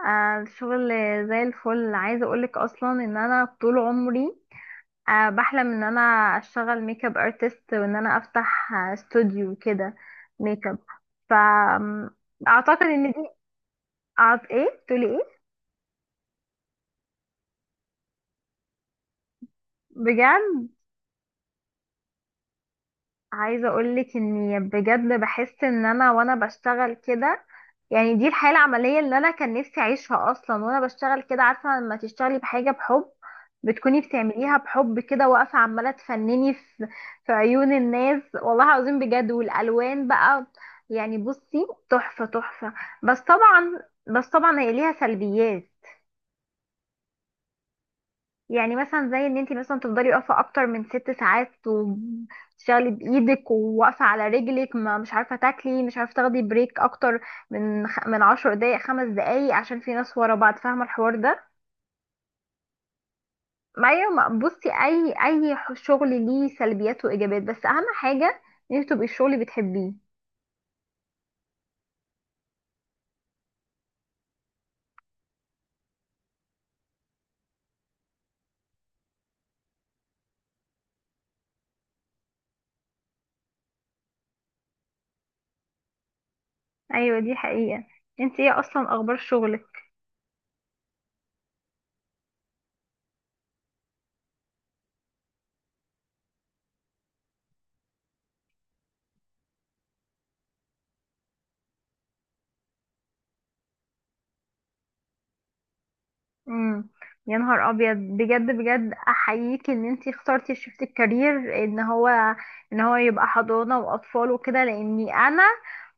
آه، الشغل زي الفل. عايزه اقولك اصلا ان انا طول عمري بحلم ان انا اشتغل ميك اب ارتست وان انا افتح استوديو كده ميك اب. ف اعتقد ان دي ايه تقولي ايه؟ بجد؟ عايزة اقولك اني بجد بحس ان انا وانا بشتغل كده. يعني دي الحياة العملية اللي انا كان نفسي اعيشها اصلا، وانا بشتغل كده. عارفة لما تشتغلي بحاجة بحب بتكوني بتعمليها بحب كده، واقفة عمالة تفنني في عيون الناس، والله العظيم بجد. والالوان بقى، يعني بصي، تحفة تحفة. بس طبعا بس طبعا، هي ليها سلبيات. يعني مثلا زي ان انت مثلا تفضلي واقفه اكتر من 6 ساعات، وتشتغلي بايدك وواقفه على رجلك، ما مش عارفه تاكلي، مش عارفه تاخدي بريك اكتر من 10 دقايق، 5 دقايق، عشان في ناس ورا بعض. فاهمه الحوار ده؟ ما أيوة، بصي اي شغل ليه سلبيات وايجابيات، بس اهم حاجه ان انت تبقي الشغل بتحبيه. ايوه، دي حقيقه. انت ايه اصلا، اخبار شغلك؟ امم يا نهار ابيض، بجد بجد احييك ان انتي اخترتي، شفت الكارير ان هو يبقى حضانه واطفال وكده، لاني انا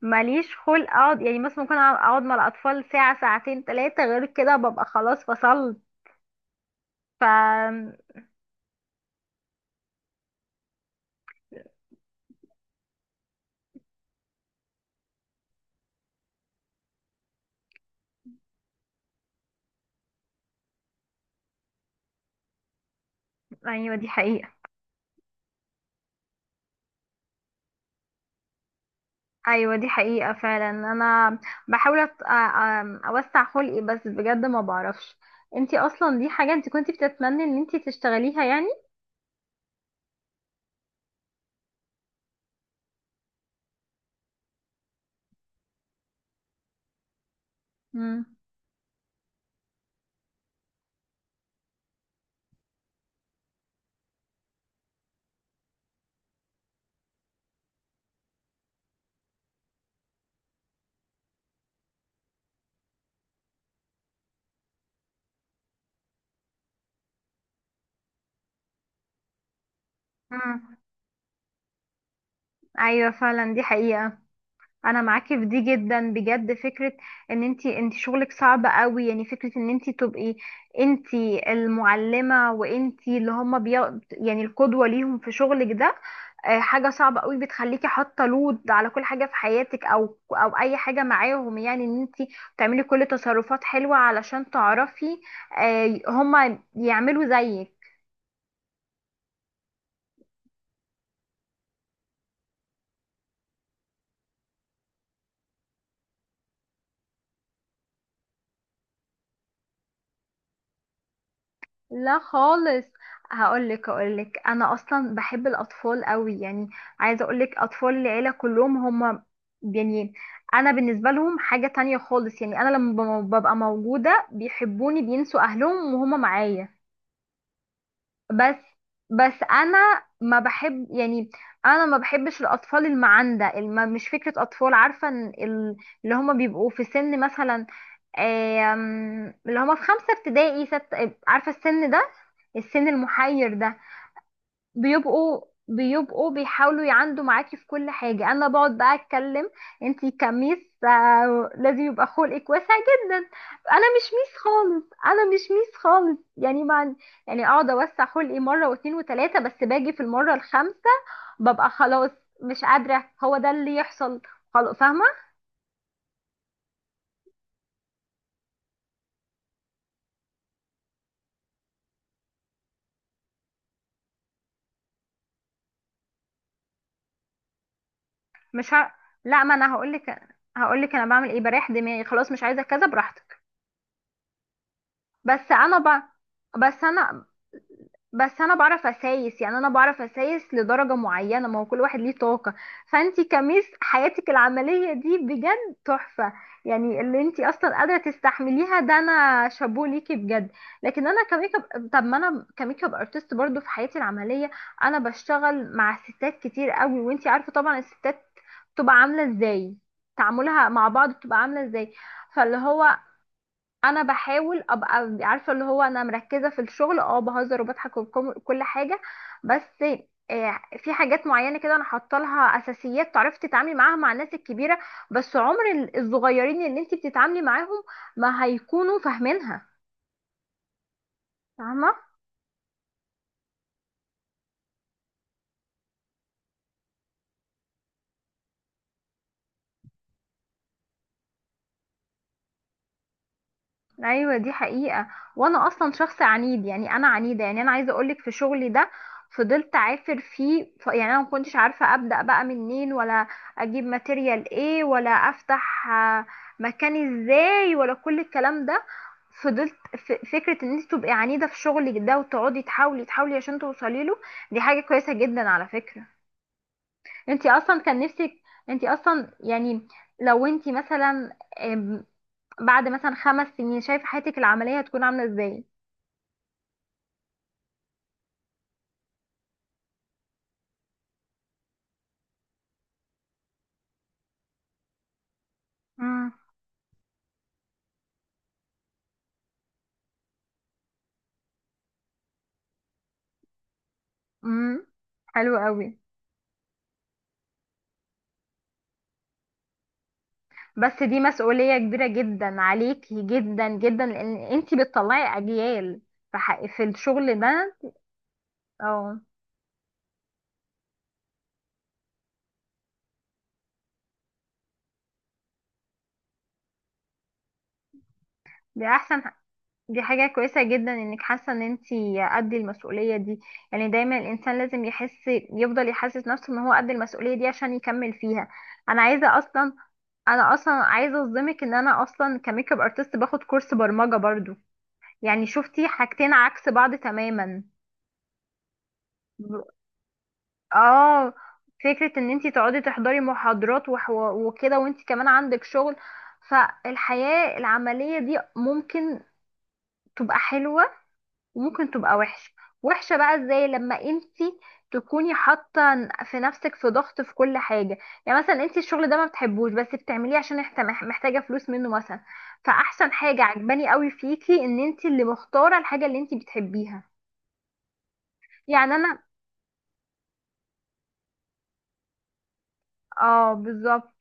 ماليش خلق اقعد. يعني مثلا ممكن اقعد مع الاطفال ساعه ساعتين ثلاثه، غير كده ببقى خلاص فصلت. ف ايوه، دي حقيقه. ايوه، دي حقيقه فعلا. انا بحاول اوسع خلقي بس بجد ما بعرفش. انتي اصلا دي حاجه انتي كنتي بتتمني ان انتي تشتغليها يعني؟ امم، امم، ايوه، فعلا دي حقيقة. انا معاكي في دي جدا بجد. فكره ان انتي شغلك صعب قوي. يعني فكره ان انتي تبقي انتي المعلمه، وانتي اللي هما يعني القدوه ليهم في شغلك ده. حاجه صعبه قوي، بتخليكي حاطه لود على كل حاجه في حياتك، او اي حاجه معاهم. يعني ان انتي تعملي كل تصرفات حلوه علشان تعرفي هما يعملوا زيك. لا خالص. هقولك انا اصلا بحب الاطفال قوي يعني. عايزه اقولك اطفال العيله كلهم هم، يعني انا بالنسبه لهم حاجه تانية خالص. يعني انا لما ببقى موجوده بيحبوني، بينسوا اهلهم وهم معايا. بس بس انا ما بحب، يعني انا ما بحبش الاطفال المعندة مش فكرة اطفال. عارفة إن اللي هما بيبقوا في سن مثلا، اللي هما في 5 ابتدائي ست، عارفة السن ده، السن المحير ده. بيبقوا بيبقوا بيحاولوا يعندوا معاكي في كل حاجة. انا بقعد بقى اتكلم، انتي كميس، لازم يبقى خلقك واسع جدا. انا مش ميس خالص، انا مش ميس خالص يعني مع. يعني اقعد اوسع خلقي مرة واتنين وتلاتة، بس باجي في المرة الخامسة ببقى خلاص، مش قادرة. هو ده اللي يحصل، خلاص فاهمة. مش ه... لا، ما انا هقولك انا بعمل ايه، بريح دماغي خلاص، مش عايزة كذا، براحتك. بس انا ب... بس انا بس انا بعرف اسايس، يعني انا بعرف اسايس لدرجة معينة. ما هو كل واحد ليه طاقة. فانتي كميس حياتك العملية دي بجد تحفة. يعني اللي انتي اصلا قادرة تستحمليها ده، انا شابوه ليكي بجد. لكن انا كميك اب طب ما انا كميك اب ارتست برضو في حياتي العملية. انا بشتغل مع ستات كتير قوي، وانتي عارفة طبعا الستات بتبقى عاملة ازاي، تعاملها مع بعض بتبقى عاملة ازاي. فاللي هو، انا بحاول ابقى عارفه اللي هو انا مركزه في الشغل، بهزر وبضحك وكل حاجه. بس في حاجات معينه كده انا حاطه لها اساسيات تعرفي تتعاملي معاها مع الناس الكبيره. بس عمر الصغيرين اللي انت بتتعاملي معاهم ما هيكونوا فاهمينها. فاهمه؟ ايوه، دي حقيقة. وانا اصلا شخص عنيد، يعني انا عنيدة. يعني انا عايزة اقولك، في شغلي ده فضلت عافر فيه. يعني انا ما كنتش عارفة ابدأ بقى منين، ولا اجيب ماتيريال ايه، ولا افتح مكان ازاي، ولا كل الكلام ده. فضلت. فكرة ان انت تبقي عنيدة في شغلك ده وتقعدي تحاولي تحاولي عشان توصلي له، دي حاجة كويسة جدا على فكرة. انت اصلا كان نفسك. انت اصلا يعني لو انت مثلا، آمم، بعد مثلا 5 سنين شايفة حياتك العملية هتكون عاملة ازاي؟ مم. امم حلو قوي. بس دي مسؤولية كبيرة جدا عليكي، جدا جدا، لان انتي بتطلعي اجيال في الشغل ده. اه دي احسن ح- دي حاجة كويسة جدا انك حاسة ان انتي قد المسؤولية دي. يعني دايما الانسان لازم يحس، يفضل يحسس نفسه ان هو قد المسؤولية دي عشان يكمل فيها. انا عايزة اصلا انا اصلا عايزة اصدمك ان انا اصلا كميك اب ارتست باخد كورس برمجة برضو، يعني شفتي حاجتين عكس بعض تماما. ب- اه فكرة ان انتي تقعدي تحضري محاضرات، وكده، وانتي كمان عندك شغل. فالحياة العملية دي ممكن تبقى حلوة وممكن تبقى وحشة. وحشة بقى ازاي؟ لما انتي تكوني حاطة في نفسك في ضغط، في كل حاجة. يعني مثلا انتي الشغل ده ما بتحبوش، بس بتعمليه عشان محتاجة فلوس منه مثلا. فاحسن حاجة عجباني قوي فيكي ان انتي اللي مختارة الحاجة اللي انتي بتحبيها. يعني انا اه بالظبط.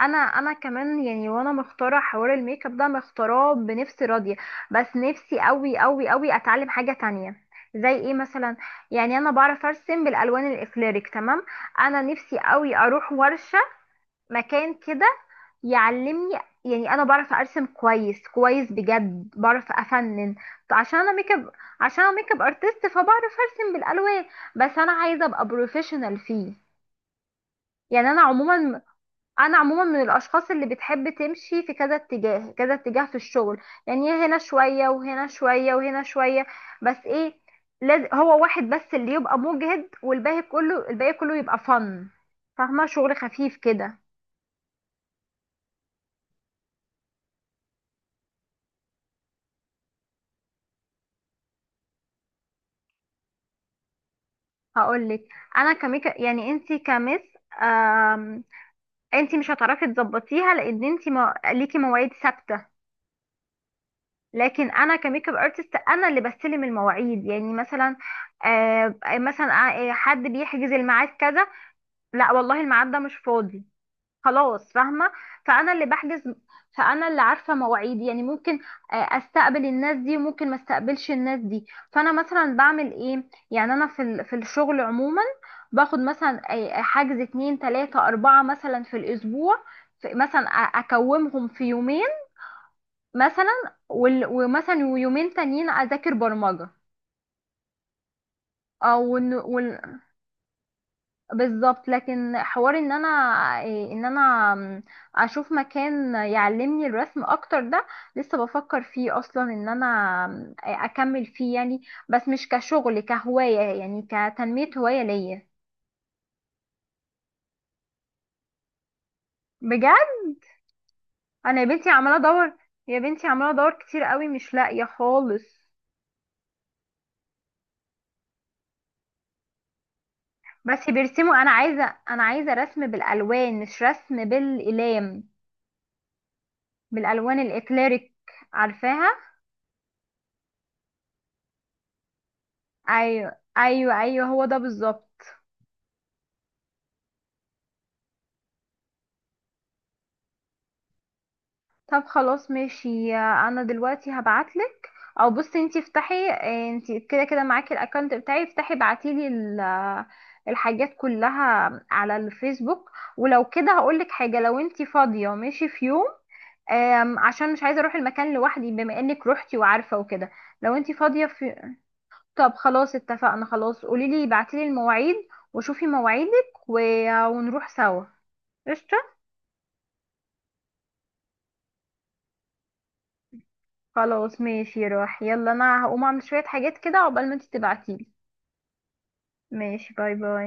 انا كمان يعني، وانا مختاره حوار الميك اب ده، مختاراه بنفسي، راضيه. بس نفسي قوي قوي قوي اتعلم حاجه تانية، زي ايه مثلا. يعني انا بعرف ارسم بالالوان الاكليريك تمام. انا نفسي قوي اروح ورشه، مكان كده يعلمني. يعني انا بعرف ارسم كويس كويس بجد، بعرف افنن عشان انا ميك اب عشان انا ميك اب ارتست، فبعرف ارسم بالالوان. بس انا عايزه ابقى بروفيشنال فيه. يعني انا عموما من الاشخاص اللي بتحب تمشي في كذا اتجاه، كذا اتجاه في الشغل. يعني هنا شوية وهنا شوية وهنا شوية. بس ايه؟ لازم هو واحد بس اللي يبقى مجهد، والباقي كله الباقي كله يبقى فن، فاهمة؟ شغل خفيف كده. هقولك. انا كميكا، يعني انتي كمس، آم... انتي مش هتعرفي تظبطيها لان انتي ليكي مواعيد ثابتة. لكن انا كميك اب ارتست، انا اللي بستلم المواعيد. يعني مثلا، مثلا، حد بيحجز الميعاد كذا. لا والله، الميعاد ده مش فاضي. خلاص فاهمة. فأنا اللي بحجز، فأنا اللي عارفة مواعيدي. يعني ممكن أستقبل الناس دي، وممكن ما استقبلش الناس دي. فأنا مثلا بعمل إيه؟ يعني أنا في الشغل عموما باخد مثلا حجز اتنين تلاتة أربعة مثلا في الأسبوع. مثلا أكومهم في يومين مثلا، ومثلا ويومين تانيين أذاكر برمجة. أو بالظبط. لكن حوار ان انا إيه، ان انا م، اشوف مكان يعلمني الرسم اكتر ده. لسه بفكر فيه اصلا ان انا اكمل فيه يعني. بس مش كشغل، كهواية، يعني كتنمية هواية ليا. بجد؟ انا يا بنتي عمالة ادور، يا بنتي عمالة ادور كتير قوي، مش لاقية خالص. بس بيرسموا. انا عايزة رسم بالالوان، مش رسم بالاقلام. بالالوان الاكليريك، عارفاها؟ ايوه، ايوه، ايوه، هو ده بالظبط. طب خلاص ماشي. انا دلوقتي هبعتلك. او بصي، انتي افتحي. انتي كده كده معاكي الاكونت بتاعي، افتحي بعتيلي الحاجات كلها على الفيسبوك. ولو كده هقولك حاجة، لو انتي فاضية ماشي في يوم، عشان مش عايزة اروح المكان لوحدي، بما انك روحتي وعارفة وكده. لو انتي فاضية طب خلاص اتفقنا، خلاص قوليلي بعتيلي المواعيد وشوفي مواعيدك ونروح سوا. قشطة. خلاص ماشي، روح يلا. انا هقوم اعمل شوية حاجات كده عقبال ما انت تبعتيلي. ماشي، باي باي.